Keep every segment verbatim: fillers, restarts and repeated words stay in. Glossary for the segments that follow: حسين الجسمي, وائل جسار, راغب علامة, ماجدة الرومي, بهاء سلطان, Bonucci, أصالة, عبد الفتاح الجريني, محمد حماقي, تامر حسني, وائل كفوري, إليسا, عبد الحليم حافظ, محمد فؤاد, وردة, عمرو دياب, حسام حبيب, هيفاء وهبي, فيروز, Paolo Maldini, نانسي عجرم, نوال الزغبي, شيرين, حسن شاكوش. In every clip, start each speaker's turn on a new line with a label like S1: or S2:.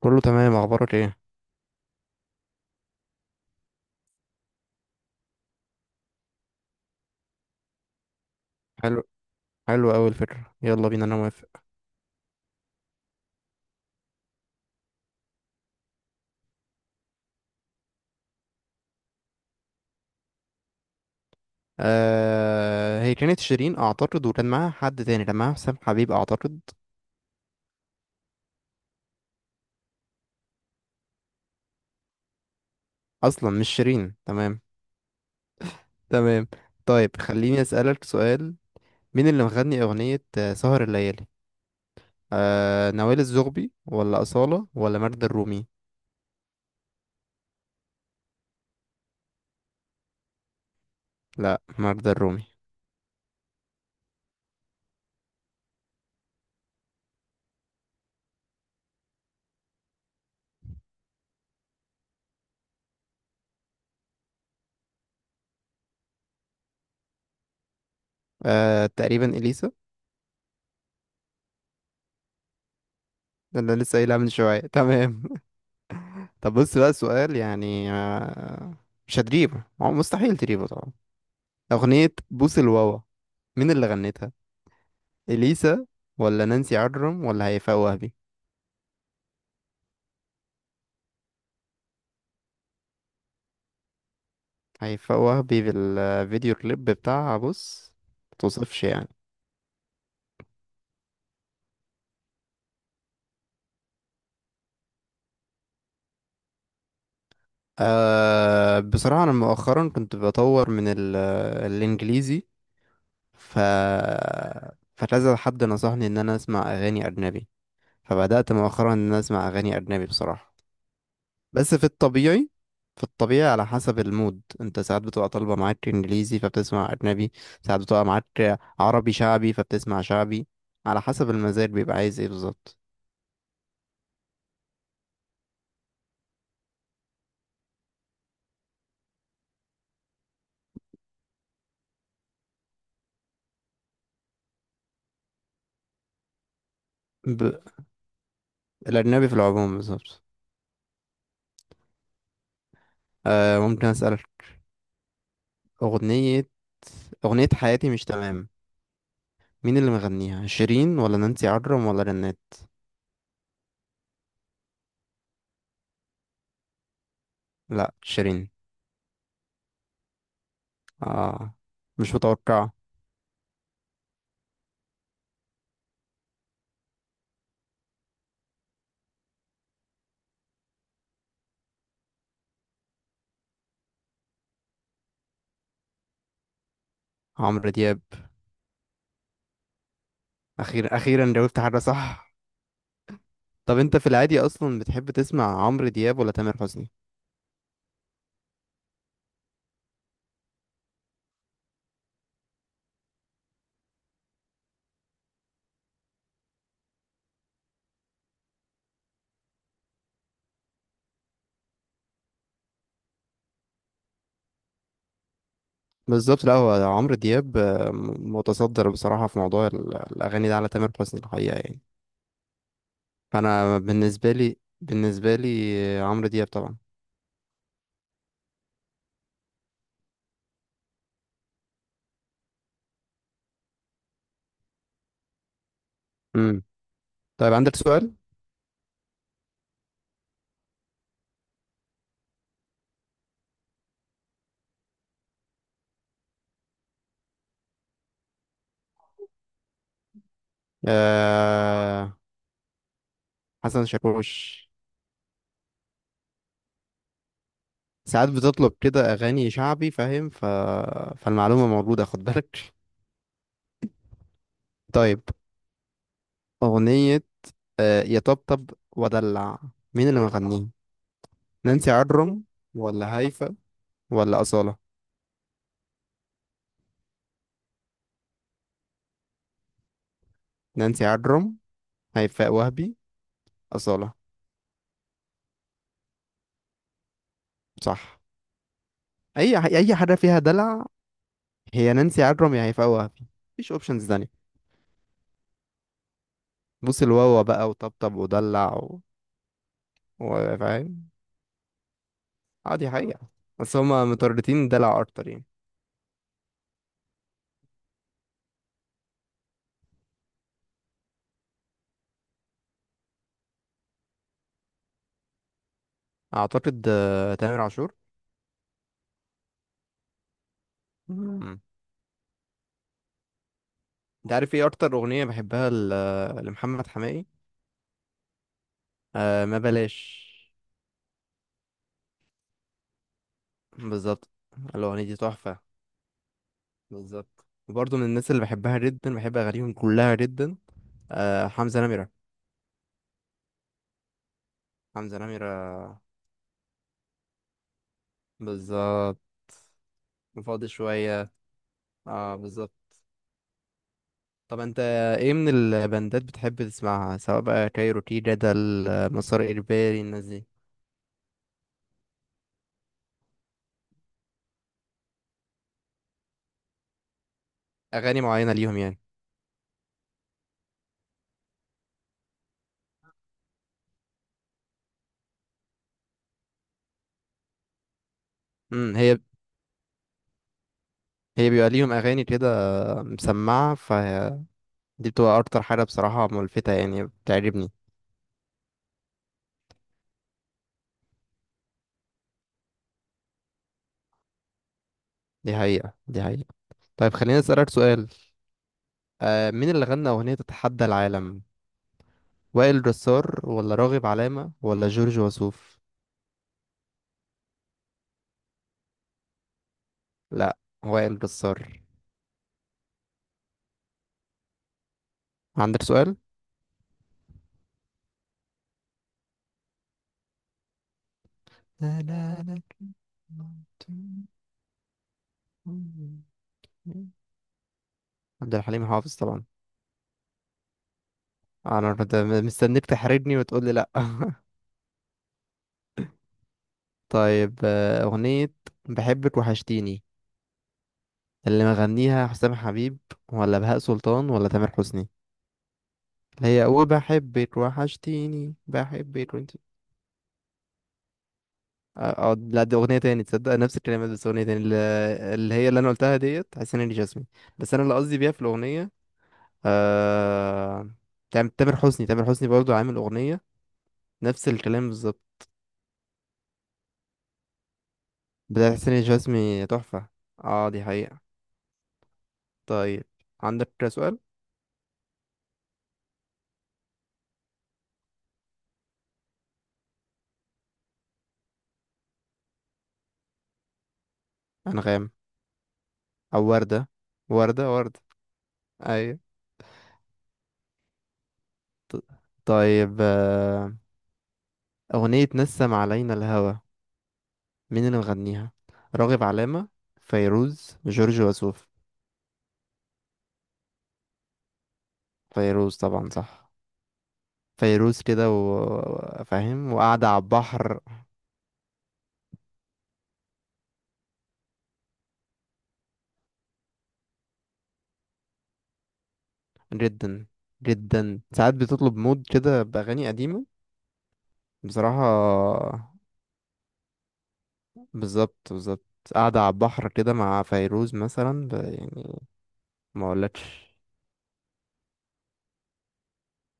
S1: كله تمام، اخبارك ايه؟ حلو. حلو قوي الفكره يلا بينا، انا موافق. آه هي كانت شيرين اعتقد، وكان معاها حد تاني، كان معاها حسام حبيب اعتقد. اصلا مش شيرين؟ تمام. تمام. طيب خليني اسالك سؤال. مين اللي مغني اغنيه آه، سهر الليالي؟ آه نوال الزغبي ولا اصاله ولا ماجدة الرومي؟ لا ماجدة الرومي. آه تقريبا اليسا. ده اللي لسه قايلها من شويه. تمام. طب بص بقى سؤال يعني آه مش هتجيبه، هو مستحيل تجيبه طبعا. أغنية بوس الواوا، مين اللي غنتها؟ إليسا ولا نانسي عجرم ولا هيفاء وهبي؟ هيفاء وهبي، بالفيديو كليب بتاعها بص، متوصفش يعني. أه بصراحة أنا مؤخرا كنت بطور من ال- الإنجليزي، ف فكذا حد نصحني إن أنا أسمع أغاني أجنبي، فبدأت مؤخرا إن أنا أسمع أغاني أجنبي بصراحة. بس في الطبيعي، في الطبيعي على حسب المود، انت ساعات بتبقى طالبة معاك انجليزي فبتسمع اجنبي، ساعات بتبقى معاك عربي شعبي فبتسمع شعبي، على حسب المزاج بيبقى عايز ايه بالظبط. ب... الاجنبي في العموم بالظبط. آه ممكن اسألك؟ اغنية اغنية حياتي مش تمام، مين اللي مغنيها؟ شيرين ولا نانسي عجرم ولا رنات؟ لا شيرين. اه مش متوقع. عمرو دياب. اخيرا اخيرا جاوبت حاجة صح. طب انت في العادي اصلا بتحب تسمع عمرو دياب ولا تامر حسني؟ بالظبط. لا هو عمرو دياب آه، م- متصدر بصراحه في موضوع ال- الاغاني ده على تامر حسني الحقيقه يعني. فانا بالنسبه لي بالنسبه لي آه، عمرو دياب طبعا. امم. طيب عندك سؤال؟ آه... حسن شاكوش. ساعات بتطلب كده اغاني شعبي فاهم، ف... فالمعلومه موجوده خد بالك. طيب، اغنيه آه، يطبطب ودلع، مين اللي مغنيها؟ نانسي عجرم ولا هيفا ولا أصالة؟ نانسي عجرم، هيفاء وهبي، أصالة. صح. أي أي حاجة فيها دلع، هي نانسي عجرم يا هيفاء وهبي، مفيش أوبشنز تانية. بوس الواوا بقى وطبطب ودلع و... وفاهم، عادي حقيقة، بس هما مترددين دلع أكتر يعني. أعتقد آه، تامر عاشور. مم. أنت عارف إيه أكتر أغنية بحبها ل- لمحمد حماقي؟ آه ما بلاش. بالظبط. الأغنية دي تحفة. بالظبط، وبرضه من الناس اللي بحبها جدا، بحب اغانيهم كلها جدا. آه حمزة نمرة. حمزة نمرة بالظبط. فاضي شوية. اه بالظبط. طب انت ايه من البندات بتحب تسمعها، سواء بقى كايروكي، جدل، آه، مسار اجباري، الناس دي؟ اغاني معينة ليهم يعني. امم. هي هي بيبقى ليهم اغاني كده مسمعة فدي، بتبقى اكتر حاجة بصراحة ملفتة يعني بتعجبني. دي حقيقة دي حقيقة طيب خليني اسألك سؤال. آه مين اللي غنى اغنية تتحدى العالم؟ وائل جسار ولا راغب علامة ولا جورج وسوف؟ لا وائل جسار. عندك سؤال؟ لا لا لا. عبد الحليم حافظ طبعا. انا كنت مستنيك تحرجني وتقول لي لا. طيب آه، أغنية بحبك وحشتيني، اللي مغنيها حسام حبيب ولا بهاء سلطان ولا تامر حسني؟ اللي هي وبحبك وحشتيني بحبك. اه لا دي اغنيه تاني، تصدق نفس الكلمات بس اغنيه تاني. اللي اللي هي اللي انا قلتها ديت حسين الجسمي. بس انا اللي قصدي بيها في الاغنيه آه... تام- تامر حسني، تامر حسني برضو عامل اغنيه نفس الكلام بالظبط. بتاعت حسين الجسمي تحفه. اه دي حقيقه. طيب عندك سؤال؟ انغام. او ورده، ورده ورده ايوه. طيب آه... اغنيه نسم علينا الهوى، مين اللي مغنيها؟ راغب علامه، فيروز، جورج وسوف؟ فيروز طبعا. صح. فيروز كده وفاهم وقاعدة على البحر. جدا، جدا. ساعات بتطلب مود كده بأغاني قديمة بصراحة. بالظبط بالظبط قاعدة على البحر كده مع فيروز مثلا ب... يعني ما اقولكش.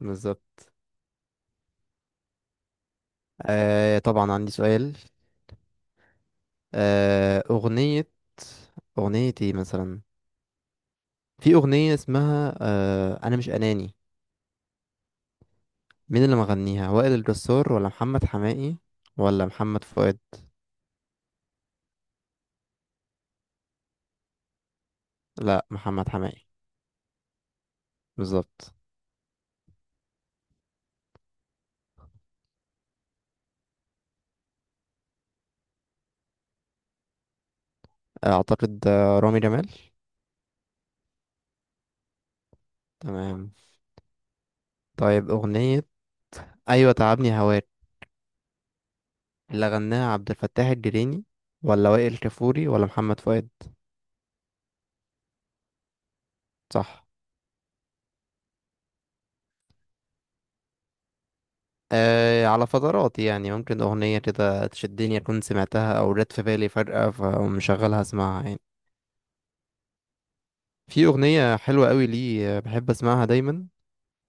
S1: بالظبط. آه طبعا عندي سؤال. آه أغنية أغنية ايه مثلا؟ في أغنية اسمها آه أنا مش أناني، مين اللي مغنيها؟ وائل الجسار ولا محمد حماقي ولا محمد فؤاد؟ لا محمد حماقي. بالظبط. اعتقد آه، رامي جمال. تمام. طيب اغنية ايوه تعبني هواك، اللي غناها عبد الفتاح الجريني ولا وائل كفوري ولا محمد فؤاد؟ صح. أه على فترات يعني، ممكن أغنية كده تشدني أكون سمعتها أو جت في بالي فجأة فمشغلها أسمعها يعني. في أغنية حلوة قوي لي آه، بحب أسمعها دايما،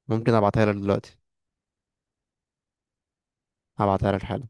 S1: ممكن أبعتها لك دلوقتي. هبعتها لك حالا.